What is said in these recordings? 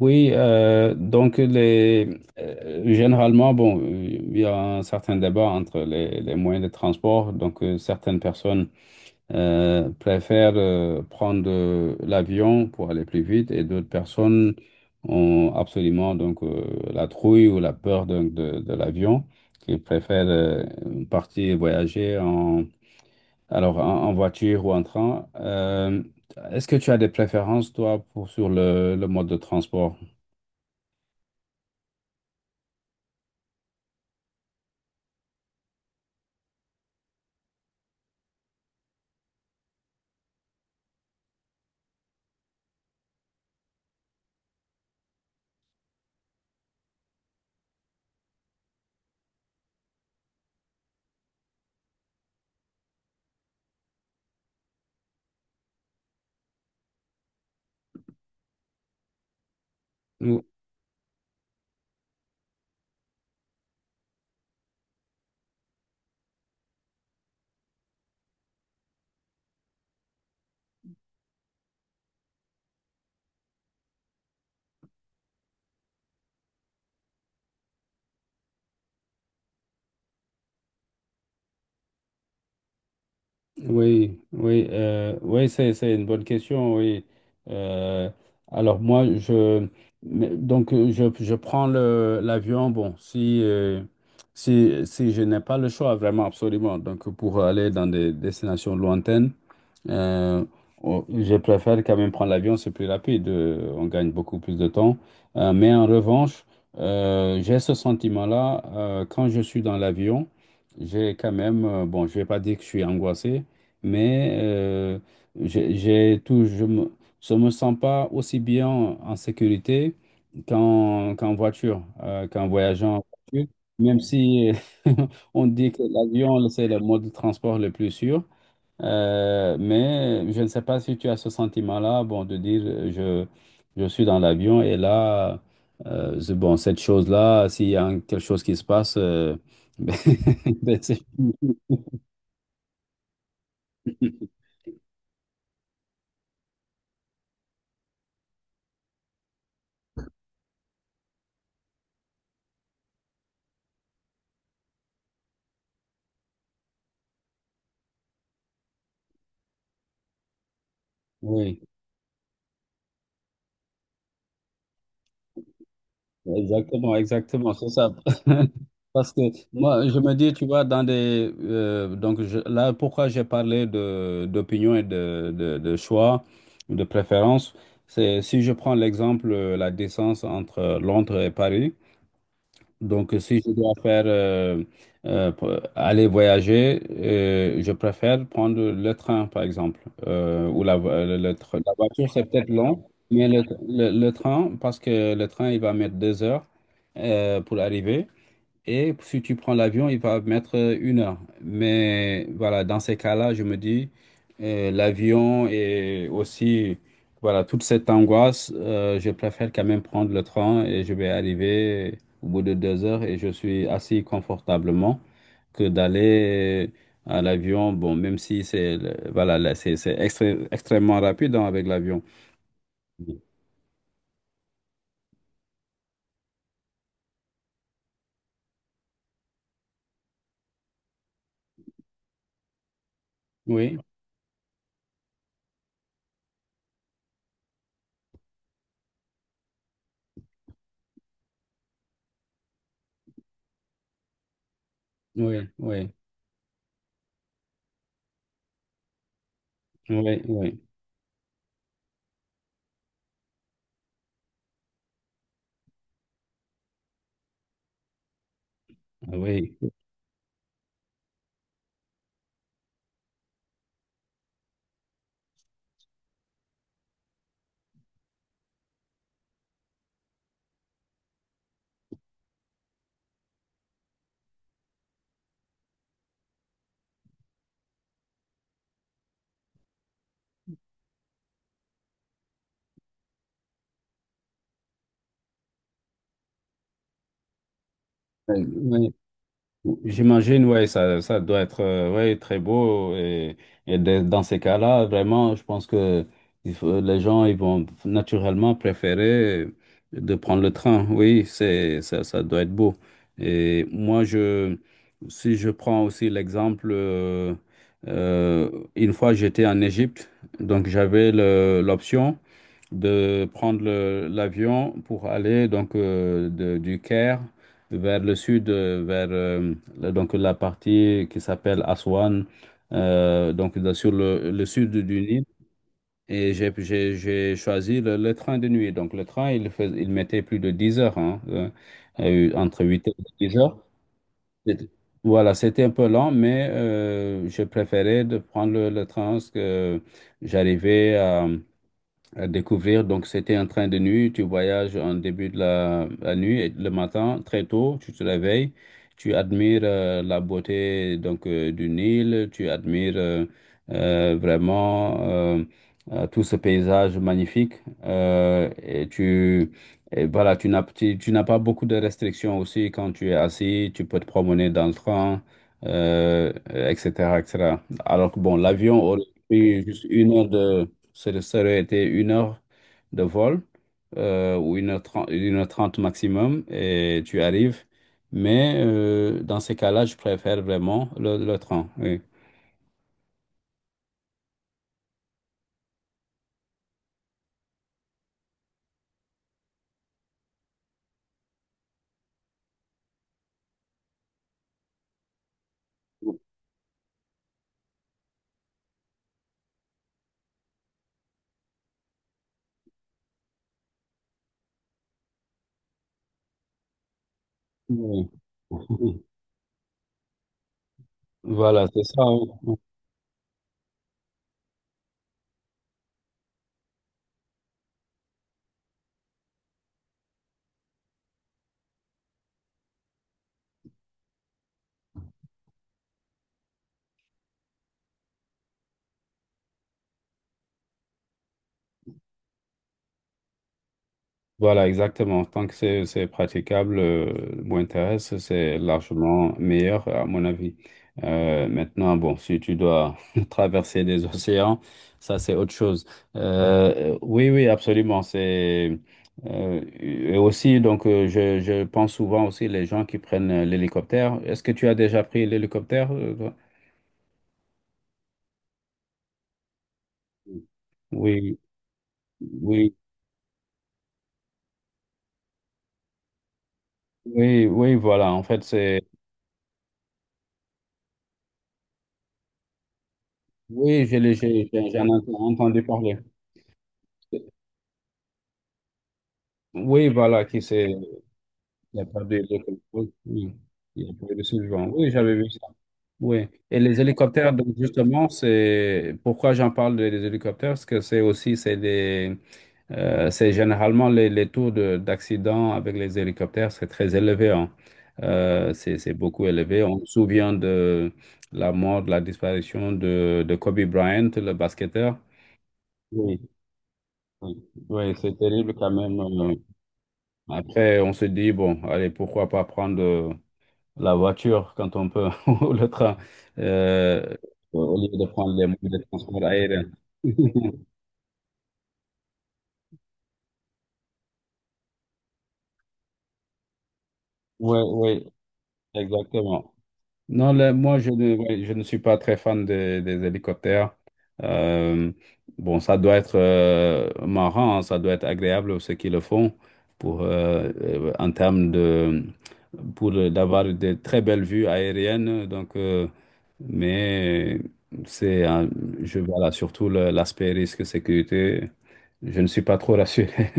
Oui, donc généralement, bon, il y a un certain débat entre les moyens de transport. Donc, certaines personnes préfèrent prendre l'avion pour aller plus vite, et d'autres personnes ont absolument la trouille ou la peur donc, de l'avion, qui préfèrent partir voyager en voiture ou en train. Est-ce que tu as des préférences, toi, sur le mode de transport? Ou- Oui, oui, oui, c'est une bonne question, oui. Euh, alors moi, je, mais- donc je prends l'avion, bon, si je n'ai pas le choix, vraiment, absolument, donc pour aller dans des destinations lointaines. Euh, oh, je préfère quand même prendre l'avion, c'est plus rapide, on gagne beaucoup plus de temps. Mais en revanche, j'ai ce sentiment-là, quand je suis dans l'avion, j'ai quand même, bon, je vais pas dire que je suis angoissé, mais j'ai tout, je me sens pas aussi bien en sécurité qu'en voiture, qu'en voyageant en voiture, même si on dit que l'avion, c'est le mode de transport le plus sûr. Mais je ne sais pas si tu as ce sentiment-là, bon, de dire je suis dans l'avion et là, bon, cette chose-là, s'il y a un- quelque chose qui se passe, ben, c'est fini. Oui, exactement, exactement, c'est ça. Parce que moi, je me dis, tu vois, dans des. Donc je- là, pourquoi j'ai parlé d'opinion et de choix, de préférence, c'est si je prends l'exemple, la distance entre Londres et Paris. Donc, si je dois aller voyager, je préfère prendre le train, par exemple, ou la, vo- le tr- la voiture, c'est peut-être long, mais le train, parce que le train, il va mettre deux heures pour arriver. Et si tu prends l'avion, il va mettre une heure. Mais voilà, dans ces cas-là, je me dis, l'avion et aussi, voilà, toute cette angoisse, je préfère quand même prendre le train et je vais arriver au bout de deux heures et je suis assis confortablement que d'aller à l'avion. Bon, même si voilà, là, c'est extrêmement rapide, hein, avec l'avion. Oui, oui, oui, oui, oui, oui. J'imagine, ouais, ça doit être ouais, très beau. Et dans ces cas-là, vraiment, je pense que les gens ils vont naturellement préférer de prendre le train. Oui, c'est, ça doit être beau. Et moi, je, si je prends aussi l'exemple, euh, une fois j'étais en Égypte, donc j'avais l'option de prendre l'avion pour aller donc du Caire vers le sud, donc la partie qui s'appelle Aswan, donc là, sur le sud du Nil. Et j'ai choisi le train de nuit. Donc le train, il mettait plus de 10 heures, hein, entre 8 et 10 heures. C'était- Voilà, c'était un peu lent, mais je préférais de prendre le train parce que j'arrivais à découvrir. Donc, c'était un train de nuit. Tu voyages en début de la nuit et le matin, très tôt, tu te réveilles, tu admires la beauté donc du Nil, tu admires vraiment tout ce paysage magnifique. Et tu et voilà, tu, tu n'as pas beaucoup de restrictions aussi quand tu es assis, tu peux te promener dans le train. Etc., etc. Alors que bon, l'avion aurait pris juste une heure ça ça aurait été une heure de vol, ou une heure trente maximum, et tu arrives. Mais dans ces cas-là, je préfère vraiment le train. Oui. Oui. Voilà, c'est ça. Oui. Voilà, exactement. Tant que c'est praticable, Winterest, c'est largement meilleur, à mon avis. Maintenant, bon, si tu dois traverser des océans, ça, c'est autre chose. Oui, oui, absolument. C'est, et aussi, donc, je pense souvent aussi les gens qui prennent l'hélicoptère. Est-ce que tu as déjà pris l'hélicoptère? Euh, toi. Oui, oui, oui, oui, voilà. En fait, c'est... Oui, je l'ai- j'ai- j'en ai entendu parler. Oui, voilà, qui a perdu les contrôles. Oui, il y a perdu ce survivants. Oui, j'avais vu ça. Oui. Et les hélicoptères, donc justement, c'est pourquoi j'en parle des hélicoptères, parce que c'est des, c'est généralement les taux d'accident avec les hélicoptères, c'est très élevé, hein. C'est beaucoup élevé. On se souvient de la mort, de la disparition de Kobe Bryant, le basketteur. Oui, oui, c'est terrible quand même. Après, on se dit, bon, allez, pourquoi pas prendre la voiture quand on peut, ou le train, euh, au lieu de prendre les moyens de transport aérien. Oui, oui, exactement. Non, là, moi, je ne, ouais, je ne suis pas très fan des hélicoptères. Euh, bon, ça doit être marrant, hein, ça doit être agréable ceux qui le font pour, en termes de, pour d'avoir de très belles vues aériennes. Donc, mais c'est, voilà, surtout l'aspect risque sécurité, je ne suis pas trop rassuré.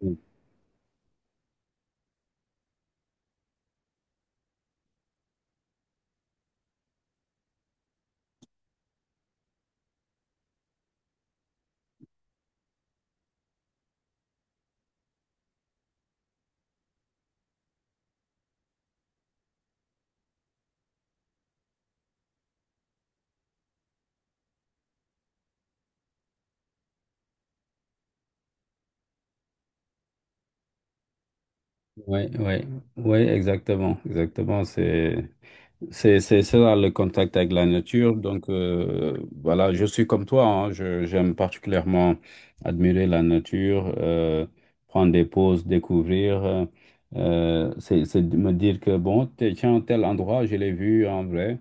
Oui, oui, oui, exactement, exactement, c'est. C'est ça le contact avec la nature. Donc voilà, je suis comme toi, hein. Je, j'aime particulièrement admirer la nature, prendre des pauses, découvrir. C'est de me dire que bon, tiens, tel endroit, je l'ai vu en vrai,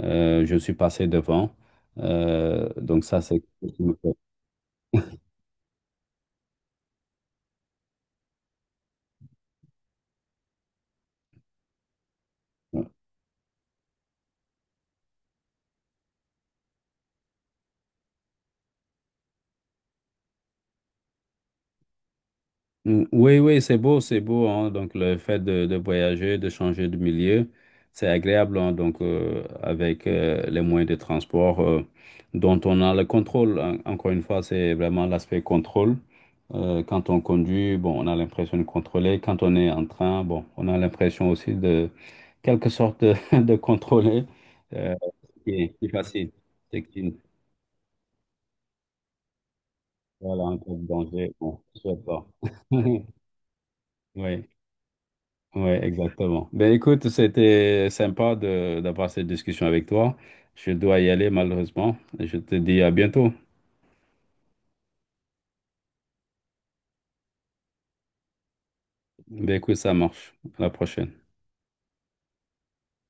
je suis passé devant. Donc ça, c'est. Oui, oui, c'est beau, hein. Donc, le fait de voyager, de changer de milieu, c'est agréable, hein. Donc, avec les moyens de transport dont on a le contrôle. Encore une fois, c'est vraiment l'aspect contrôle. Quand on conduit, bon, on a l'impression de contrôler. Quand on est en train, bon, on a l'impression aussi de, quelque sorte, de, de contrôler. Euh, c'est facile. C'est qu'il voilà, un peu de danger. Bon, je ne sais pas. Oui. Ouais, exactement. Ben écoute, c'était sympa de d'avoir cette discussion avec toi. Je dois y aller malheureusement. Je te dis à bientôt. Ben écoute, ça marche. À la prochaine.